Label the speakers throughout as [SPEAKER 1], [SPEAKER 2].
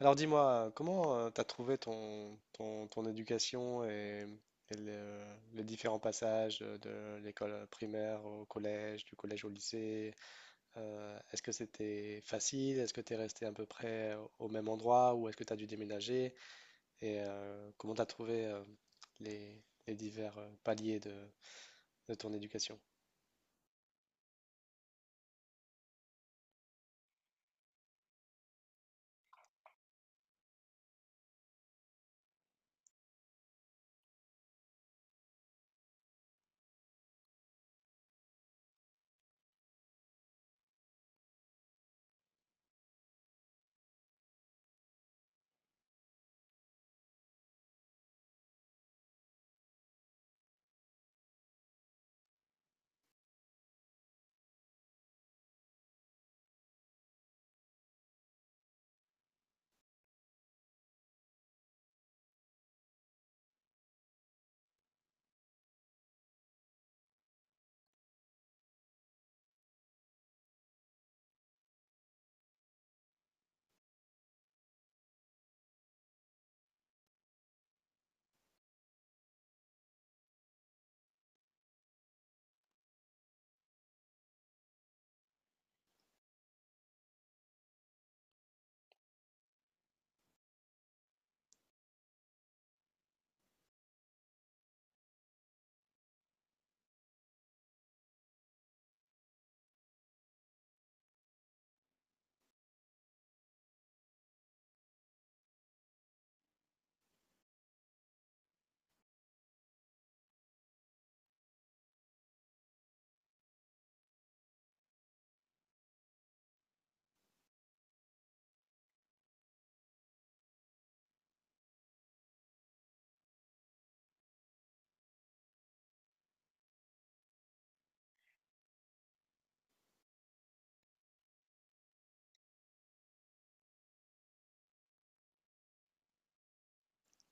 [SPEAKER 1] Alors dis-moi, comment tu as trouvé ton éducation et les différents passages de l'école primaire au collège, du collège au lycée? Est-ce que c'était facile? Est-ce que tu es resté à peu près au même endroit ou est-ce que tu as dû déménager? Et comment tu as trouvé les, les divers paliers de ton éducation?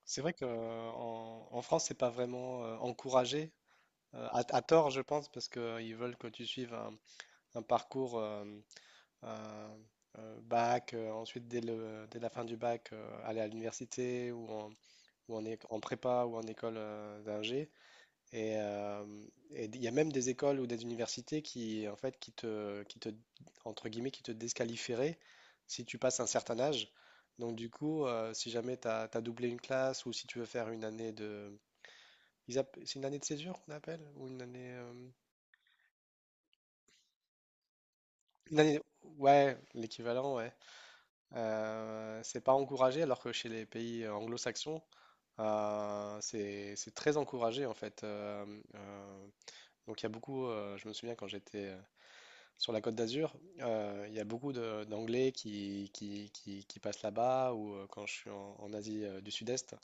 [SPEAKER 1] C'est vrai que en France, c'est pas vraiment encouragé, à tort, je pense, parce qu'ils veulent que tu suives un parcours. Euh, bac, ensuite dès la fin du bac, aller à l'université ou en prépa ou en école d'ingé. Et euh, et il y a même des écoles ou des universités qui, en fait, qui te, entre guillemets, qui te désqualifieraient si tu passes un certain âge. Donc du coup, si jamais tu as doublé une classe ou si tu veux faire une année de. C'est une année de césure qu'on appelle? Ou une année, une année. Ouais, l'équivalent, ouais. C'est pas encouragé, alors que chez les pays anglo-saxons, c'est très encouragé en fait. Euh, donc il y a beaucoup, je me souviens quand j'étais sur la Côte d'Azur, il y a beaucoup d'Anglais qui passent là-bas ou quand je suis en Asie du Sud-Est,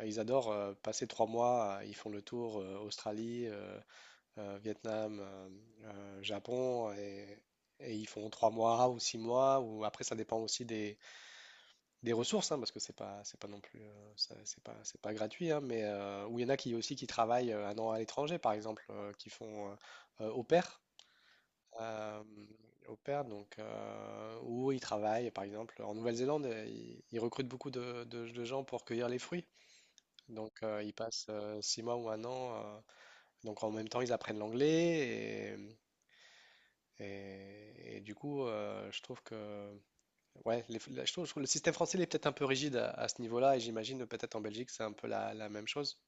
[SPEAKER 1] ils adorent passer 3 mois, ils font le tour Australie, Vietnam, Japon et ils font 3 mois ou 6 mois ou après ça dépend aussi des ressources, hein, parce que c'est pas non plus, c'est pas gratuit, hein, mais où il y en a qui aussi qui travaillent un an à l'étranger, par exemple, qui font euh, au pair, euh, au pair, donc où ils travaillent, par exemple, en Nouvelle-Zélande, ils recrutent beaucoup de gens pour cueillir les fruits, donc ils passent 6 mois ou un an, donc en même temps ils apprennent l'anglais et du coup, je trouve que. Ouais, je trouve le système français il est peut-être un peu rigide à ce niveau-là, et j'imagine peut-être en Belgique c'est un peu la même chose.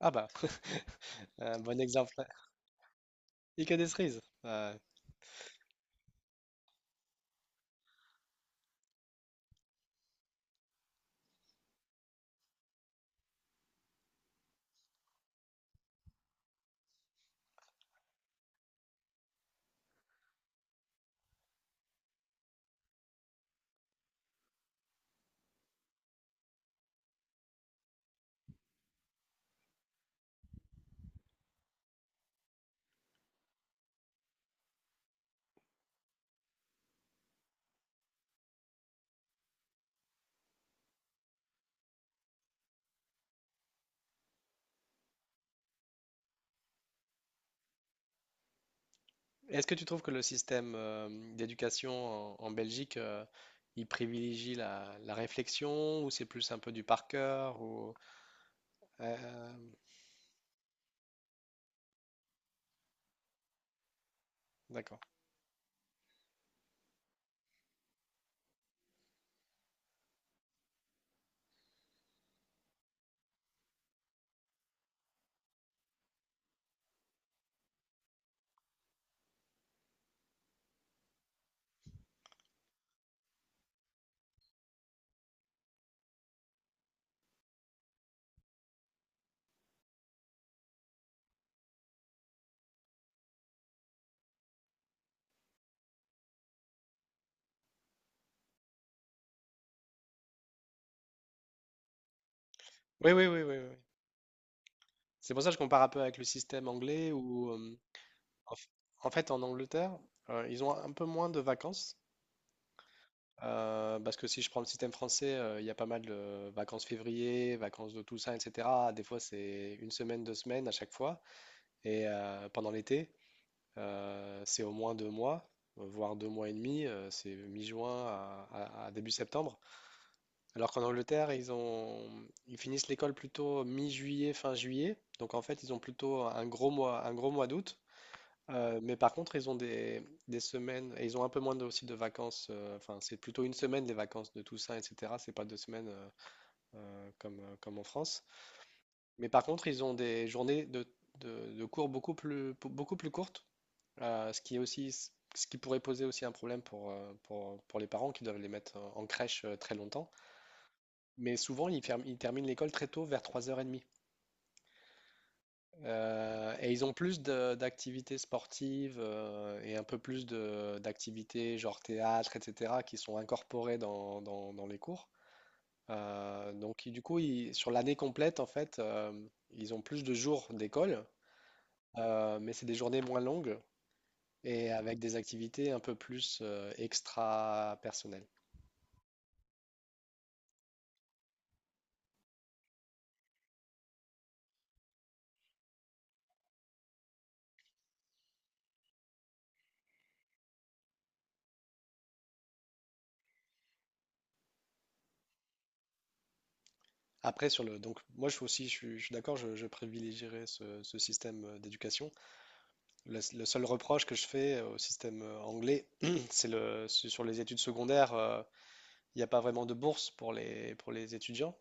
[SPEAKER 1] Ah bah, un bon exemple. Et que des cerises. Est-ce que tu trouves que le système d'éducation en Belgique, il privilégie la réflexion, ou c'est plus un peu du par cœur, ou euh, d'accord. Oui, oui, oui, oui, oui. C'est pour ça que je compare un peu avec le système anglais, où en f- en fait en Angleterre, ils ont un peu moins de vacances. Parce que si je prends le système français, il y a pas mal de vacances février, vacances de Toussaint, etc. Des fois, c'est une semaine, 2 semaines à chaque fois. Et pendant l'été, c'est au moins 2 mois, voire 2 mois et demi. C'est mi-juin à début septembre. Alors qu'en Angleterre, ils finissent l'école plutôt mi-juillet, fin juillet. Donc en fait, ils ont plutôt un gros mois d'août. Mais par contre, ils ont des semaines, et ils ont un peu moins aussi de vacances. Enfin, c'est plutôt une semaine les vacances de Toussaint, etc. C'est pas 2 semaines comme en France. Mais par contre, ils ont des journées de cours beaucoup plus courtes, ce qui pourrait poser aussi un problème pour les parents qui doivent les mettre en crèche très longtemps. Mais souvent, ils terminent l'école très tôt, vers 3h30. Et ils ont plus d'activités sportives et un peu plus d'activités genre théâtre, etc., qui sont incorporées dans les cours. Donc, du coup, sur l'année complète, en fait, ils ont plus de jours d'école, mais c'est des journées moins longues et avec des activités un peu plus extra-personnelles. Après, donc, moi, je suis d'accord, je privilégierais ce système d'éducation. Le seul reproche que je fais au système anglais, c'est sur les études secondaires, il n'y a pas vraiment de bourse pour les étudiants.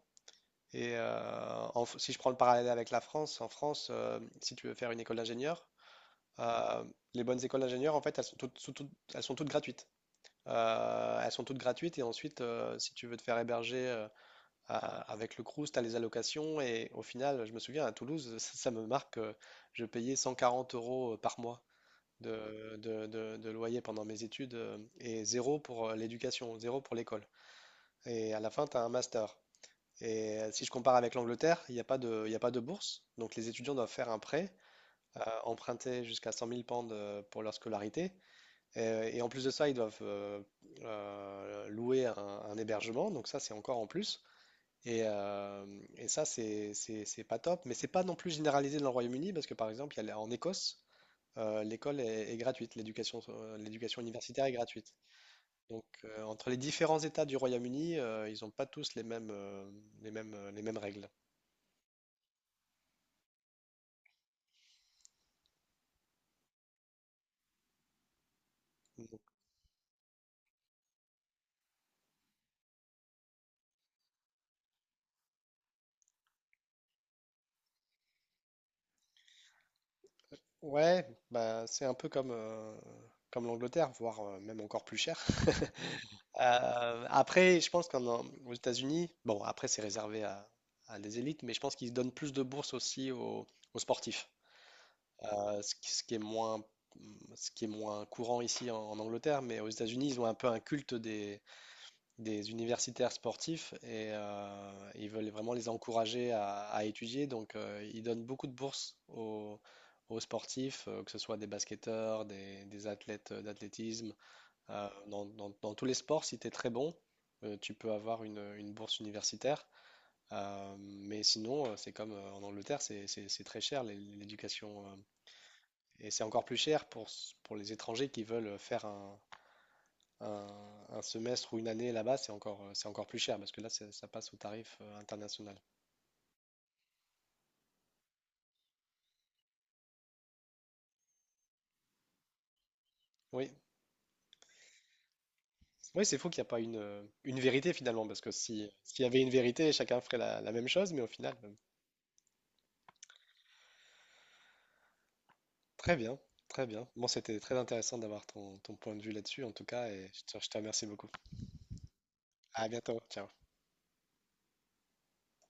[SPEAKER 1] Et si je prends le parallèle avec la France, en France, si tu veux faire une école d'ingénieur, euh, les bonnes écoles d'ingénieurs, en fait, elles sont toutes gratuites. Elles sont toutes gratuites et ensuite, si tu veux te faire héberger avec le Crous, tu as les allocations. Et au final, je me souviens, à Toulouse, ça me marque, je payais 140 € par mois de loyer pendant mes études et zéro pour l'éducation, zéro pour l'école. Et à la fin, tu as un master. Et si je compare avec l'Angleterre, il y a pas de bourse. Donc les étudiants doivent faire un prêt, emprunter jusqu'à 100 000 pounds pour leur scolarité. Et en plus de ça, ils doivent louer un hébergement. Donc ça, c'est encore en plus. Et, euh, et ça, c'est pas top. Mais c'est pas non plus généralisé dans le Royaume-Uni parce que par exemple, il y a, la- en Écosse, l'école est gratuite, l'éducation universitaire est gratuite. Donc, entre les différents États du Royaume-Uni, ils n'ont pas tous les mêmes règles. Donc, ouais, bah, c'est un peu comme l'Angleterre, voire même encore plus cher. Après, je pense qu'aux États-Unis, bon, après, c'est réservé à des élites, mais je pense qu'ils donnent plus de bourses aussi aux sportifs. Euh, ce qui, ce qui est moins, ce qui est moins courant ici en Angleterre, mais aux États-Unis, ils ont un peu un culte des universitaires sportifs et ils veulent vraiment les encourager à étudier. Donc, ils donnent beaucoup de bourses aux sportifs, que ce soit des basketteurs, des athlètes d'athlétisme. Dans tous les sports, si tu es très bon, tu peux avoir une bourse universitaire. Mais sinon, c'est comme en Angleterre, c'est très cher l'éducation. Et c'est encore plus cher pour les étrangers qui veulent faire un, un semestre ou une année là-bas, c'est encore plus cher parce que là, ça passe au tarif international. Oui, oui, c'est fou qu'il n'y a pas une vérité finalement parce que si, s'il y avait une vérité, chacun ferait la même chose, mais au final. Très bien, très bien. Bon, c'était très intéressant d'avoir ton point de vue là-dessus en tout cas et je te remercie beaucoup. À bientôt, ciao.